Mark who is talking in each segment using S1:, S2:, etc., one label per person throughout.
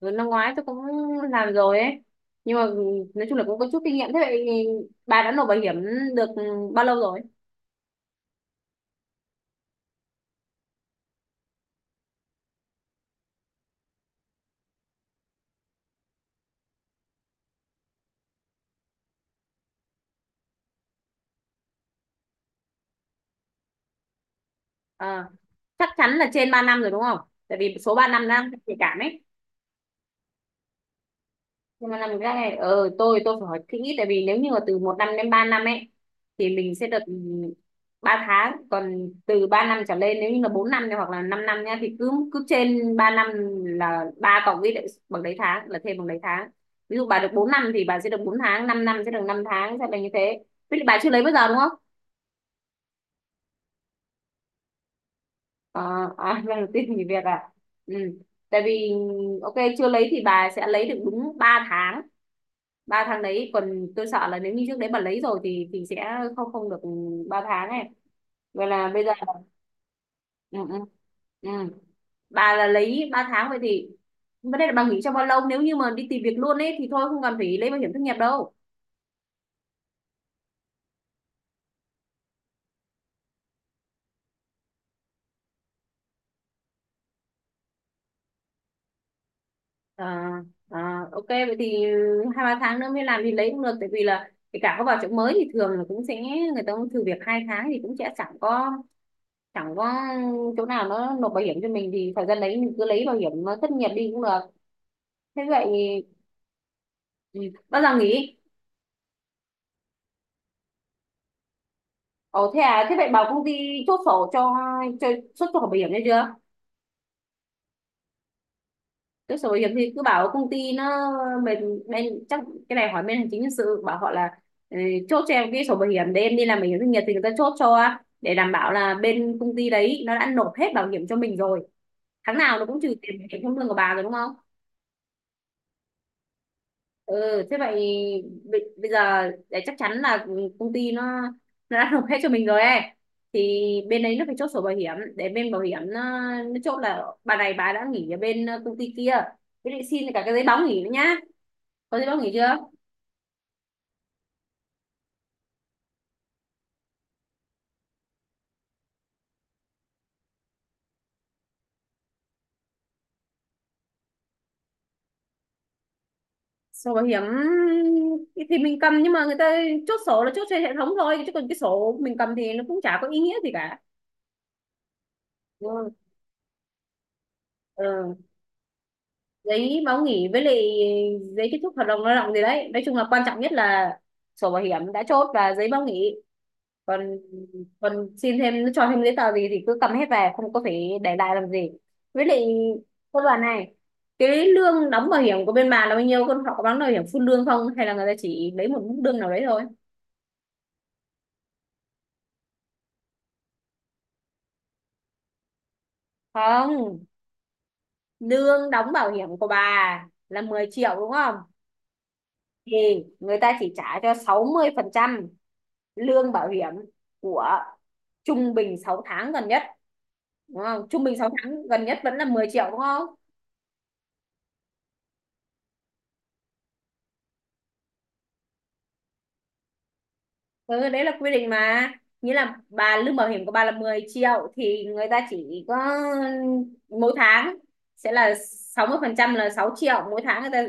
S1: Ừ, năm ngoái tôi cũng làm rồi ấy, nhưng mà nói chung là cũng có chút kinh nghiệm. Thế vậy thì bà đã nộp bảo hiểm được bao lâu rồi? À, chắc chắn là trên 3 năm rồi đúng không? Tại vì số 3 năm đang nhạy cảm ấy. Nhưng mà làm cái này tôi phải hỏi kỹ, tại vì nếu như mà từ một năm đến 3 năm ấy thì mình sẽ được 3 tháng, còn từ 3 năm trở lên, nếu như là 4 năm này hoặc là 5 năm nhá, thì cứ cứ trên 3 năm là ba cộng với lại bằng đấy tháng, là thêm bằng đấy tháng. Ví dụ bà được 4 năm thì bà sẽ được 4 tháng, 5 năm sẽ được 5 tháng, sẽ là như thế. Với lại bà chưa lấy bao giờ đúng không? À, à, lần đầu tiên nghỉ việc à? Ừ. Tại vì ok, chưa lấy thì bà sẽ lấy được đúng 3 tháng. Ba tháng đấy. Còn tôi sợ là nếu như trước đấy mà lấy rồi thì sẽ không không được ba tháng này. Vậy là bây giờ. Ừ, ừ, ừ. Bà là lấy ba tháng, vậy thì vấn đề là bà nghỉ trong bao lâu. Nếu như mà đi tìm việc luôn ấy thì thôi không cần phải lấy bảo hiểm thất nghiệp đâu. À, à, ok vậy thì hai ba tháng nữa mới làm thì lấy cũng được. Tại vì là kể cả có vào chỗ mới thì thường là cũng sẽ người ta cũng thử việc hai tháng, thì cũng sẽ chẳng có chỗ nào nó nộp bảo hiểm cho mình, thì thời gian đấy mình cứ lấy bảo hiểm thất nghiệp đi cũng được. Thế vậy. Ừ. Bao giờ nghỉ? Ồ thế à, thế vậy bảo công ty chốt sổ cho chốt sổ bảo hiểm đấy chưa? Chốt sổ bảo hiểm thì cứ bảo công ty nó bên bên chắc cái này hỏi bên hành chính nhân sự, bảo họ là ừ, chốt cho em cái sổ bảo hiểm để em đi làm bảo hiểm doanh nghiệp thì người ta chốt cho, để đảm bảo là bên công ty đấy nó đã nộp hết bảo hiểm cho mình rồi. Tháng nào nó cũng trừ tiền bảo hiểm trong lương của bà rồi đúng không? Ừ thế vậy bây bây giờ để chắc chắn là công ty nó đã nộp hết cho mình rồi ấy, thì bên đấy nó phải chốt sổ bảo hiểm để bên bảo hiểm nó chốt là bà này bà đã nghỉ ở bên công ty kia. Với lại xin cả cái giấy báo nghỉ nữa nhá. Có giấy báo nghỉ chưa? Sổ bảo hiểm thì mình cầm, nhưng mà người ta chốt sổ là chốt trên hệ thống thôi, chứ còn cái sổ mình cầm thì nó cũng chả có ý nghĩa gì cả. Ừ. Ừ. Giấy báo nghỉ với lại giấy kết thúc hợp đồng lao động gì đấy. Nói chung là quan trọng nhất là sổ bảo hiểm đã chốt và giấy báo nghỉ. Còn còn xin thêm cho thêm giấy tờ gì thì cứ cầm hết về, không có phải để lại làm gì. Với lại cô đoàn này, cái lương đóng bảo hiểm của bên bà là bao nhiêu con? Họ có đóng bảo hiểm full lương không, hay là người ta chỉ lấy một mức lương nào đấy thôi? Không, lương đóng bảo hiểm của bà là 10 triệu đúng không? Thì người ta chỉ trả cho 60% lương bảo hiểm của trung bình 6 tháng gần nhất đúng không? Trung bình 6 tháng gần nhất vẫn là 10 triệu đúng không? Ừ, đấy là quy định mà. Nghĩa là bà, lương bảo hiểm của bà là 10 triệu, thì người ta chỉ có mỗi tháng sẽ là 60 phần trăm là 6 triệu, mỗi tháng người ta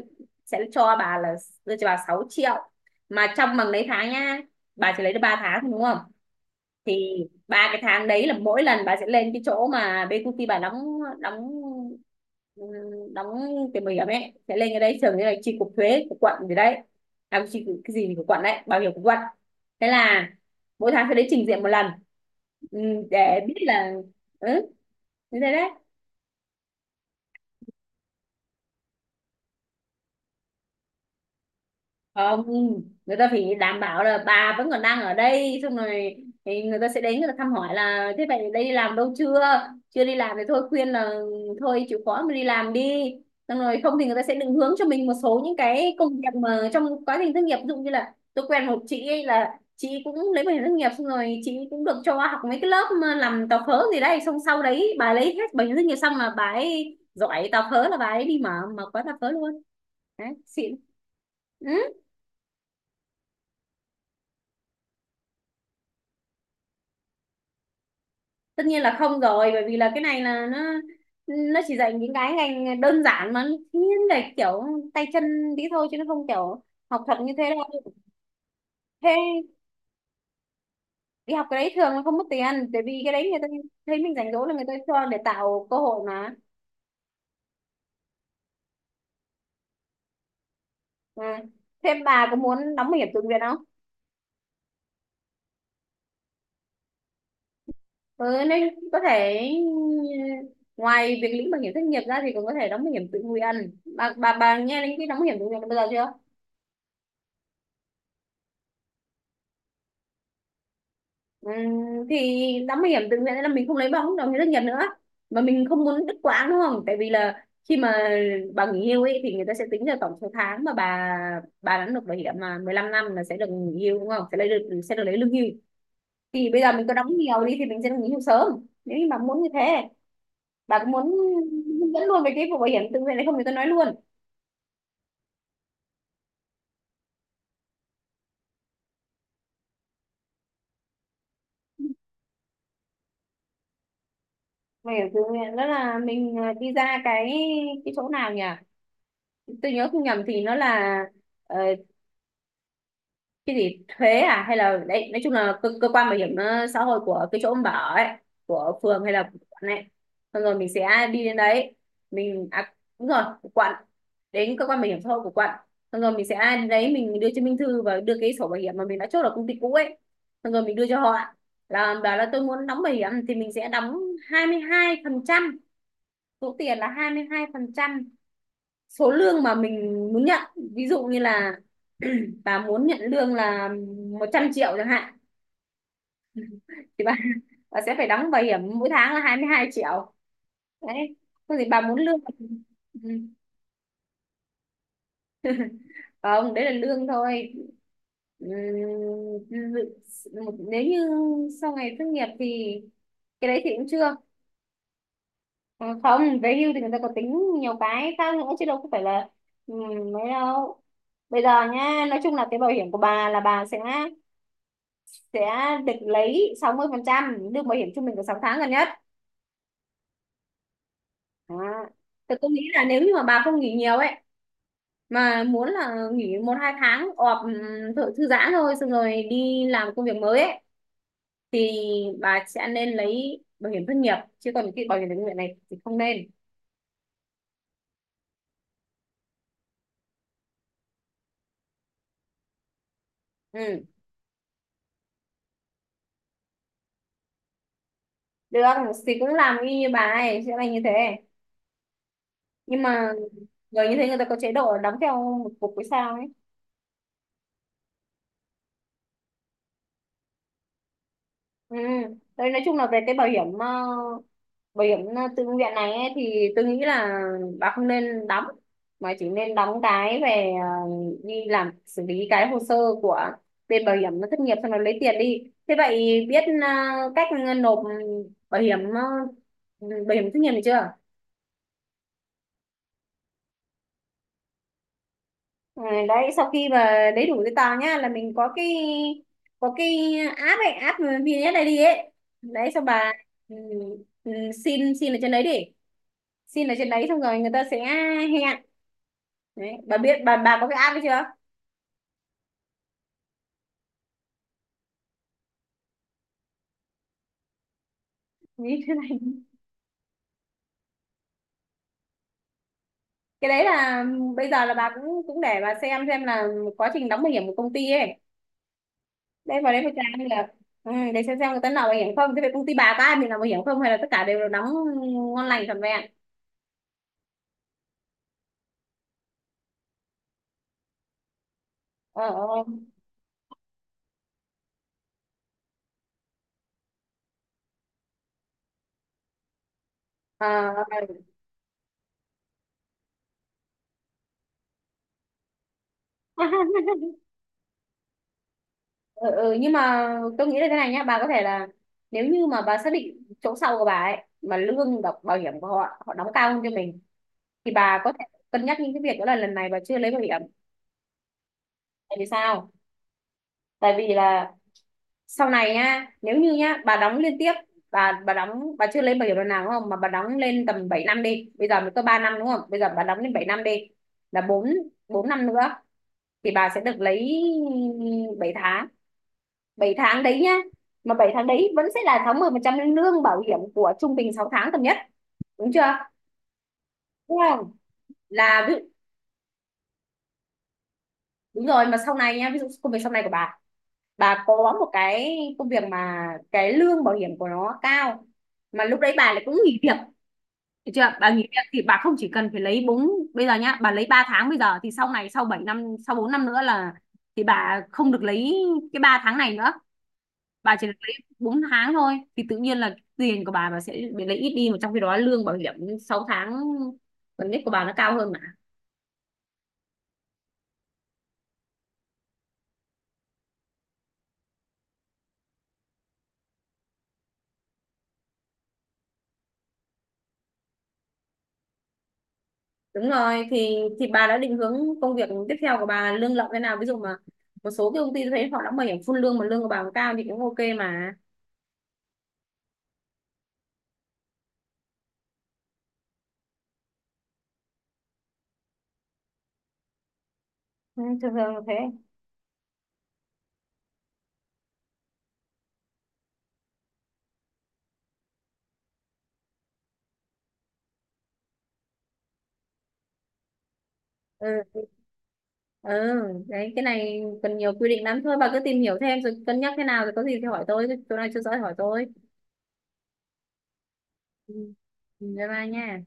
S1: sẽ cho bà là đưa cho bà 6 triệu, mà trong bằng lấy tháng nha. Bà chỉ lấy được ba tháng đúng không? Thì ba cái tháng đấy là mỗi lần bà sẽ lên cái chỗ mà BQT bà đóng đóng ừm, đóng cái bảo hiểm ấy, sẽ lên cái đấy thường như là chi cục thuế của quận gì đấy. À, cái gì của quận đấy, bảo hiểm của quận. Thế là mỗi tháng sẽ đến trình diện một lần. Để biết là ừ như thế đấy. Không, người ta phải đảm bảo là bà vẫn còn đang ở đây, xong rồi thì người ta sẽ đến, người ta thăm hỏi là thế vậy đây đi làm đâu chưa. Chưa đi làm thì thôi khuyên là thôi chịu khó mà đi làm đi, xong rồi. Không thì người ta sẽ định hướng cho mình một số những cái công việc mà trong quá trình thất nghiệp, ví dụ như là tôi quen một chị ấy, là chị cũng lấy bảo hiểm thất nghiệp, xong rồi chị cũng được cho học mấy cái lớp mà làm tàu phớ gì đây, xong sau đấy bà lấy hết bảo hiểm thất nghiệp xong là bà ấy giỏi tàu phớ, là bà ấy đi mở mở quán tàu phớ luôn. Đấy xịn. Ừ, tất nhiên là không rồi, bởi vì là cái này là nó chỉ dạy những cái ngành đơn giản mà thiên về kiểu tay chân tí thôi, chứ nó không kiểu học thuật như thế đâu. Thế đi học cái đấy thường là không mất tiền, tại vì cái đấy người ta thấy mình rảnh rỗi là người ta cho, để tạo cơ hội mà. À. Thế bà có muốn đóng bảo hiểm tự nguyện không? Ừ, nên có thể ngoài việc lĩnh bảo hiểm thất nghiệp ra thì còn có thể đóng bảo hiểm tự nguyện. Bà nghe đến cái đóng bảo hiểm tự nguyện bao giờ chưa? Ừ, thì đóng bảo hiểm tự nguyện là mình không lấy bảo hiểm đồng nghiệp thất nghiệp nữa, mà mình không muốn đứt quãng đúng không? Tại vì là khi mà bà nghỉ hưu ấy thì người ta sẽ tính ra tổng số tháng mà bà đã nộp bảo hiểm, mà 15 năm là sẽ được nghỉ hưu đúng không, sẽ lấy được, sẽ được lấy lương hưu. Thì bây giờ mình có đóng nhiều đi thì mình sẽ được nghỉ hưu sớm. Nếu như bà muốn như thế, bà có muốn hướng dẫn luôn về cái vụ bảo hiểm tự nguyện này không thì tôi nói luôn. Bảo hiểm tự nguyện đó là mình đi ra cái chỗ nào nhỉ, tôi nhớ không nhầm thì nó là ờ, cái gì thuế à, hay là đấy, nói chung là cơ quan bảo hiểm xã hội của cái chỗ ông bảo ấy, của phường hay là của quận này. Xong rồi mình sẽ đi đến đấy, mình à, đúng rồi, của quận. Đến cơ quan bảo hiểm xã hội của quận, xong rồi mình sẽ đến đấy mình đưa chứng minh thư và đưa cái sổ bảo hiểm mà mình đã chốt ở công ty cũ ấy, xong rồi mình đưa cho họ, là bảo là tôi muốn đóng bảo hiểm thì mình sẽ đóng 22%. Số tiền là 22 phần trăm số lương mà mình muốn nhận. Ví dụ như là bà muốn nhận lương là 100 triệu chẳng hạn, thì bà, bà sẽ phải đóng bảo hiểm mỗi tháng là 22 triệu đấy. Thôi thì bà muốn lương. Ừ. Không, đấy là lương thôi. Ừm, dự- Nếu như sau ngày tốt nghiệp thì cái đấy thì cũng chưa. Ờ, không về hưu thì người ta có tính nhiều cái khác nữa chứ đâu có phải là mấy đâu. Bây giờ nhá, nói chung là cái bảo hiểm của bà là bà sẽ được lấy 60% lương bảo hiểm trung bình của 6 tháng gần nhất. Đó. Thì tôi nghĩ là nếu như mà bà không nghỉ nhiều ấy, mà muốn là nghỉ một hai tháng ọp thử, thư giãn thôi, xong rồi đi làm công việc mới ấy, thì bà sẽ nên lấy bảo hiểm thất nghiệp, chứ còn cái bảo hiểm tự nguyện này thì không nên. Ừ. Được, thì cũng làm y như bà ấy, sẽ là như thế, nhưng mà người như thế người ta có chế độ đóng theo một cục với sao ấy. Ừ. Đấy, nói chung là về cái bảo hiểm bảo hiểm tự nguyện này ấy, thì tôi nghĩ là bà không nên đóng, mà chỉ nên đóng cái về đi làm xử lý cái hồ sơ của bên bảo hiểm thất nghiệp, xong rồi lấy tiền đi. Thế vậy biết cách nộp bảo hiểm bảo hiểm thất nghiệp được chưa? Ừ, đấy sau khi mà lấy đủ giấy tờ nhá, là mình có cái app ấy, app VNS đi ấy, đấy xong bà, ừ, ừ, xin xin ở trên đấy đi, xin ở trên đấy xong rồi người ta sẽ hẹn. Đấy bà biết bà có cái app ấy chưa? Như thế này. Cái đấy là bây giờ là bà cũng cũng để bà xem là quá trình đóng bảo hiểm của công ty ấy đây, vào đấy phải tra như là ừ, để xem người ta nào bảo hiểm không. Thế về công ty bà có ai mình làm bảo hiểm không, hay là tất cả đều là đóng ngon lành trọn vẹn. Ờ, ờ, ờ, ờ. Ừ, ừ, nhưng mà tôi nghĩ là thế này nhá, bà có thể là nếu như mà bà xác định chỗ sau của bà ấy mà lương độc bảo hiểm của họ họ đóng cao hơn cho mình, thì bà có thể cân nhắc những cái việc đó, là lần này bà chưa lấy bảo hiểm. Tại vì sao? Tại vì là sau này nhá, nếu như nhá bà đóng liên tiếp, bà đóng, bà chưa lên bảo hiểm lần nào đúng không, mà bà đóng lên tầm 7 năm đi, bây giờ mới có 3 năm đúng không, bây giờ bà đóng lên 7 năm đi, là 4 4 năm nữa thì bà sẽ được lấy 7 tháng. Bảy tháng đấy nhá, mà 7 tháng đấy vẫn sẽ là 60 phần trăm lương bảo hiểm của trung bình 6 tháng tầm nhất, đúng chưa, đúng không, là ví, đúng rồi, mà sau này nhá, ví dụ công việc sau này của bà có một cái công việc mà cái lương bảo hiểm của nó cao, mà lúc đấy bà lại cũng nghỉ việc. Được chưa? Bà nghỉ việc thì bà không chỉ cần phải lấy bốn. Bây giờ nhá, bà lấy 3 tháng bây giờ thì sau này sau 7 năm, sau 4 năm nữa là thì bà không được lấy cái 3 tháng này nữa, bà chỉ được lấy 4 tháng thôi, thì tự nhiên là tiền của bà sẽ bị lấy ít đi, mà trong khi đó lương bảo hiểm 6 tháng gần nhất của bà nó cao hơn mà. Đúng rồi, thì bà đã định hướng công việc tiếp theo của bà lương lậu thế nào? Ví dụ mà một số cái công ty tôi thấy họ đã bảo hiểm full lương mà lương của bà cũng cao thì cũng ok mà. Ừ, thường thường là thế. Ừ, ừ, đấy cái này cần nhiều quy định lắm, thôi bà cứ tìm hiểu thêm rồi cân nhắc thế nào, rồi có gì thì hỏi tôi, chỗ này chưa rõ thì hỏi tôi. Ừ. Ừ, bye bye nha.